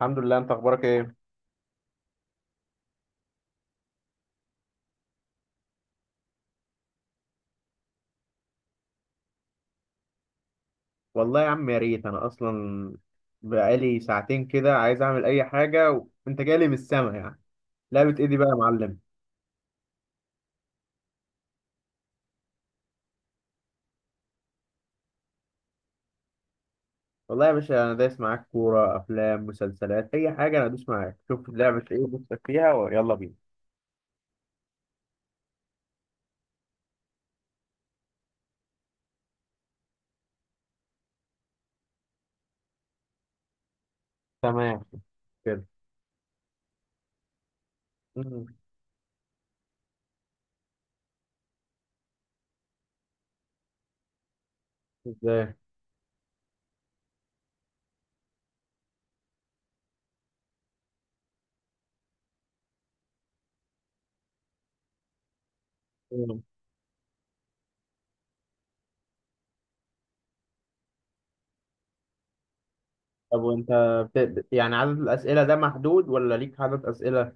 الحمد لله. انت اخبارك ايه؟ والله يا عم، يا ريت انا اصلا بقالي ساعتين كده عايز اعمل اي حاجه وانت جالي من السما يعني. لعبه ايه دي بقى يا معلم؟ والله يا باشا، انا دايس معاك كوره، افلام، مسلسلات، اي حاجه. انا ادوس معاك. شوف لعبه ايه نفسك فيها ويلا بينا. تمام. كده. مم. ازاي؟ مم. طب وانت يعني عدد الاسئله ده محدود ولا ليك عدد اسئله؟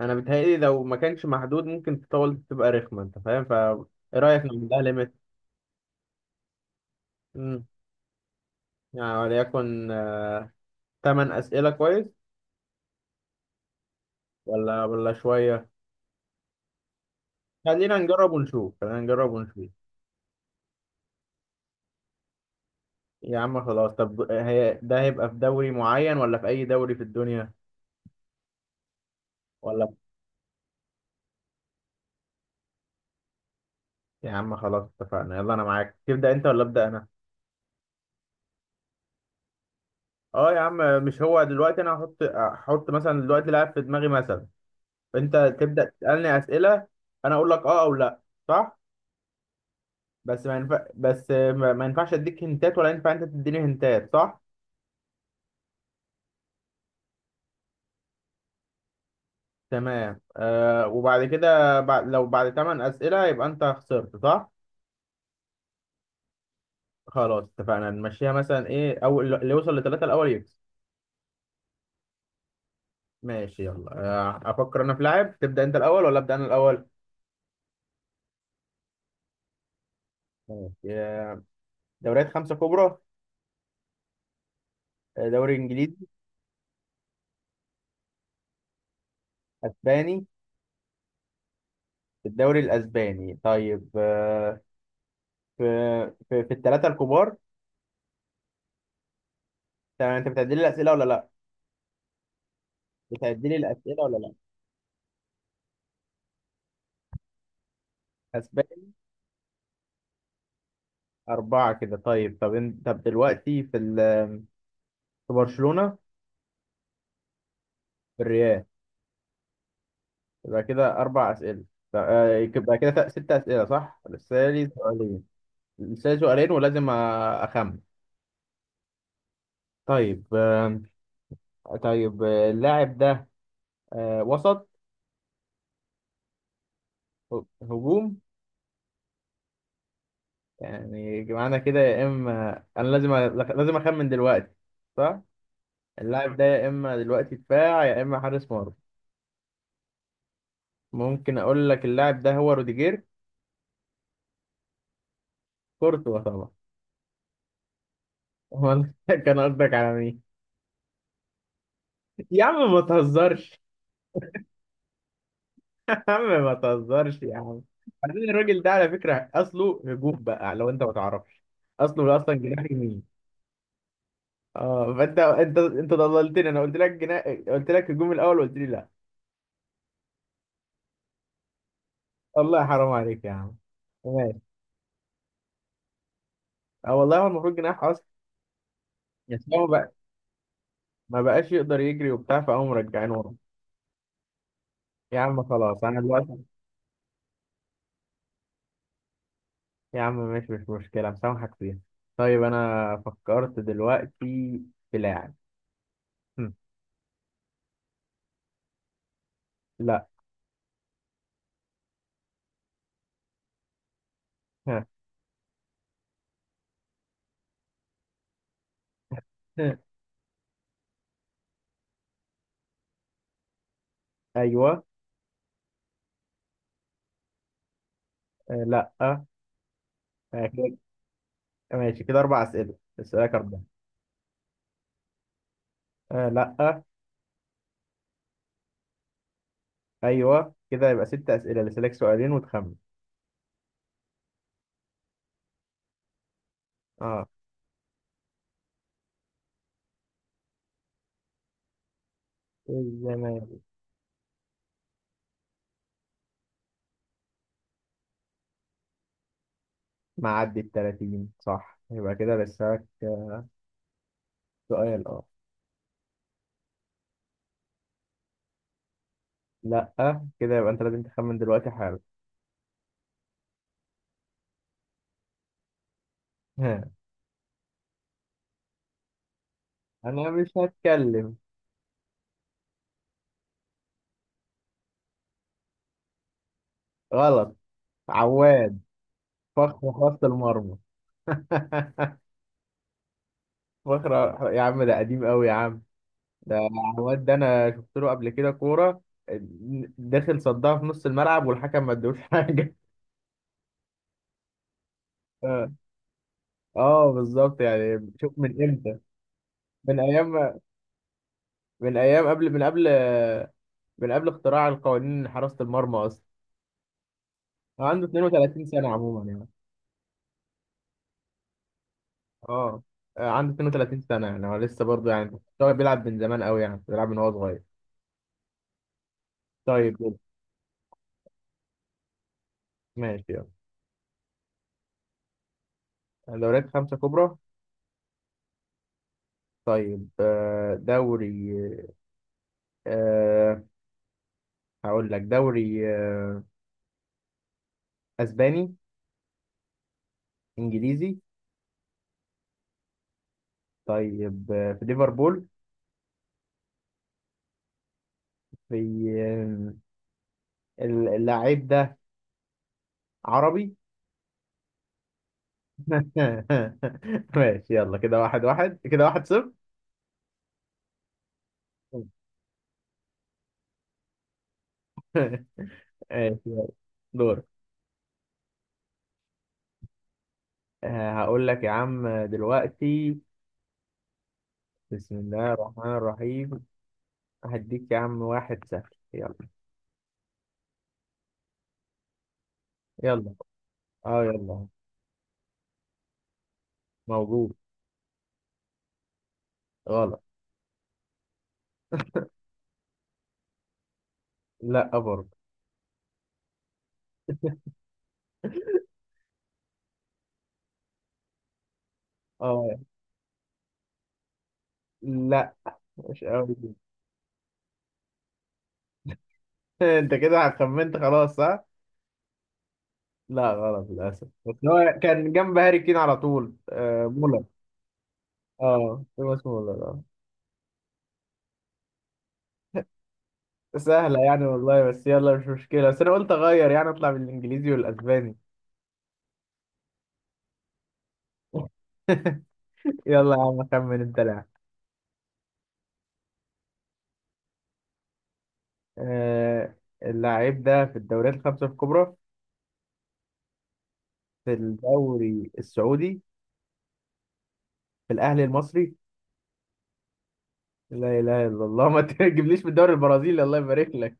انا بيتهيألي لو ما كانش محدود ممكن تطول تبقى رخمه، انت فاهم؟ ف ايه رايك نعمل لها ليميت. يعني وليكن تمن أسئلة كويس. ولا شوية. خلينا نجرب ونشوف، خلينا نجرب ونشوف. يا عم خلاص، طب هي ده هيبقى في دوري معين ولا في أي دوري في الدنيا؟ ولا. يا عم خلاص اتفقنا، يلا أنا معاك. تبدأ أنت ولا أبدأ أنا؟ أه يا عم. مش هو دلوقتي أنا هحط مثلا دلوقتي لاعب في دماغي مثلا. أنت تبدأ تسألني أسئلة. أنا أقول لك أه أو لأ. صح؟ بس ما ينفعش أديك هنتات، ولا ينفع أنت تديني هنتات، صح؟ تمام. وبعد كده لو بعد 8 أسئلة يبقى أنت خسرت، صح؟ خلاص اتفقنا نمشيها. مثلا إيه؟ أول اللي يوصل لثلاثة الأول يكسب. ماشي يلا. أفكر أنا في لاعب. تبدأ أنت الأول ولا أبدأ أنا الأول؟ ماشي. آه دوريات خمسة كبرى. دوري إنجليزي. أسباني. الدوري الأسباني. طيب في في الثلاثة الكبار. تمام. أنت بتعدي لي الأسئلة ولا لأ؟ بتعدي لي الأسئلة ولا لأ؟ أسباني. أربعة كده. طيب طب أنت طب دلوقتي في برشلونة. في الريال. يبقى كده أربع أسئلة. يبقى كده ست أسئلة، صح؟ لسه لي سؤالين. لسه لي سؤالين ولازم أخمن. طيب طيب. اللاعب ده وسط. هجوم. يعني معنى كده يا إما أنا لازم لازم أخمن دلوقتي، صح؟ اللاعب ده يا إما دلوقتي دفاع يا إما حارس مرمى. ممكن أقول لك اللاعب ده هو روديجير. كورتوا طبعا. أمال كان قصدك على مين؟ يا عم ما تهزرش. يا عم ما تهزرش يا عم. بعدين الراجل ده على فكرة أصله هجوم بقى لو أنت ما تعرفش. أصله أصلا جناح يمين. أه فأنت أنت أنت ضللتني. أنا قلت لك جناح، قلت لك هجوم الأول وقلت لي لا. والله حرام عليك يا عم. ماشي. أه والله هو المفروض جناح أصلا. بس هو بقى ما بقاش يقدر يجري وبتاع فقاموا مرجعينه ورا. يا عم خلاص أنا دلوقتي. يا عم ماشي، مش مشكلة، مسامحك فيها. طيب أنا فكرت دلوقتي في لاعب. هم. لا. ها؟ ها؟ أيوه. آه، لا. آه. ماشي كده أربع أسئلة. أسألك أربعة. آه لأ. أيوه كده يبقى ست أسئلة. لسه لك سؤالين وتخمن. أه. الزمان. معدي التلاتين، صح؟ يبقى كده لسه لك سؤال. أه. لأ. كده يبقى أنت لازم تخمن دلوقتي حالا. ها؟ أنا مش هتكلم. غلط. عواد. فخر خط المرمى. فخر. يا عم ده قديم أوي يا عم. ده. عواد ده أنا شفت له قبل كده كورة آه، داخل صدها في نص الملعب والحكم ما ادوش حاجة. اه بالظبط، يعني شوف من امتى. من ايام. من ايام قبل، من قبل. من قبل اختراع القوانين حراسة المرمى اصلا. هو عنده 32 سنة عموما يعني. اه. عنده 32 سنة، يعني هو لسه برضه، يعني هو بيلعب من زمان قوي، يعني بيلعب من هو صغير. طيب. ماشي يلا. دوريات خمسة كبرى. طيب دوري. أه. هقول لك دوري اسباني. انجليزي. طيب في ليفربول. في اللاعب ده عربي. ماشي يلا. كده واحد واحد، كده واحد صفر. مم. ماشي يلا. دور. هقول لك يا عم دلوقتي. بسم الله الرحمن الرحيم. هديك يا عم واحد سهل. يلا. يلا. اه يلا. موجود. غلط. لا برضه. اه. لا مش قوي. انت كده خمنت خلاص، صح؟ لا غلط للاسف، بس هو كان جنب هاري كين على طول. مولر. اه توماس مولر. اه. سهلة يعني والله، بس يلا مش مشكلة، بس أنا قلت أغير يعني أطلع بالإنجليزي والأسباني. يلا يا عم أخمن أنت لاعب. آه. اللاعب ده في الدوريات الخمسة الكبرى. في الدوري السعودي. في الأهلي المصري. لا إله إلا الله. ما تجيبليش في الدوري البرازيلي الله يبارك لك.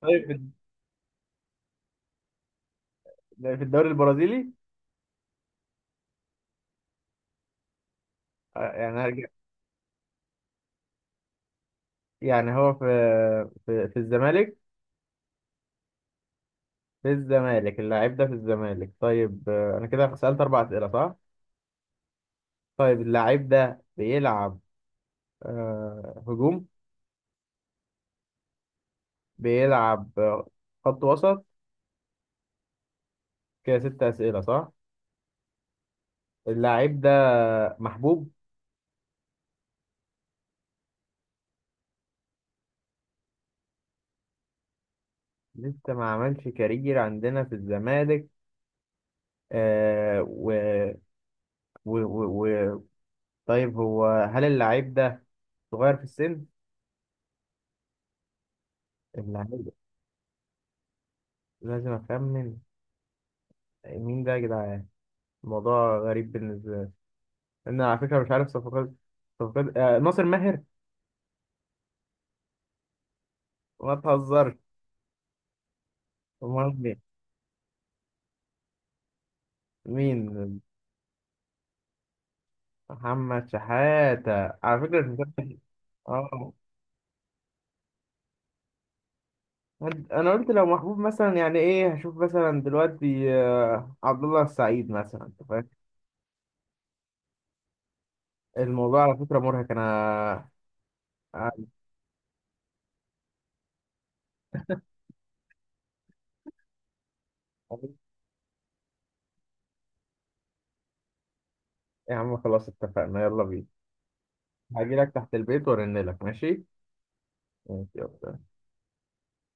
طيب. في الدوري البرازيلي. يعني هرجع. يعني هو في الزمالك. في الزمالك. اللاعب ده في الزمالك. طيب أنا كده سألت أربع أسئلة، صح؟ طيب اللاعب ده بيلعب هجوم. بيلعب خط وسط. كده ست أسئلة، صح؟ اللاعب ده محبوب. لسه ما عملش كارير عندنا في الزمالك. آه و... و... و... و... طيب هو هل اللاعب ده صغير في السن؟ اللاعب ده. لازم أخمن. مين ده يا جدعان؟ الموضوع غريب بالنسبة لي. أنا على فكرة مش عارف صفقات. صفقات ناصر ماهر. ما تهزرش. أمال مين؟ مين؟ محمد شحاتة. على فكرة اه. انا قلت لو محبوب مثلا، يعني ايه هشوف مثلا دلوقتي عبد الله السعيد مثلا، انت فاهم؟ الموضوع على فكره مرهق انا. أنا- يا عم خلاص اتفقنا يلا بينا. هاجي لك تحت البيت وارن لك، ماشي؟ ماشي يلا.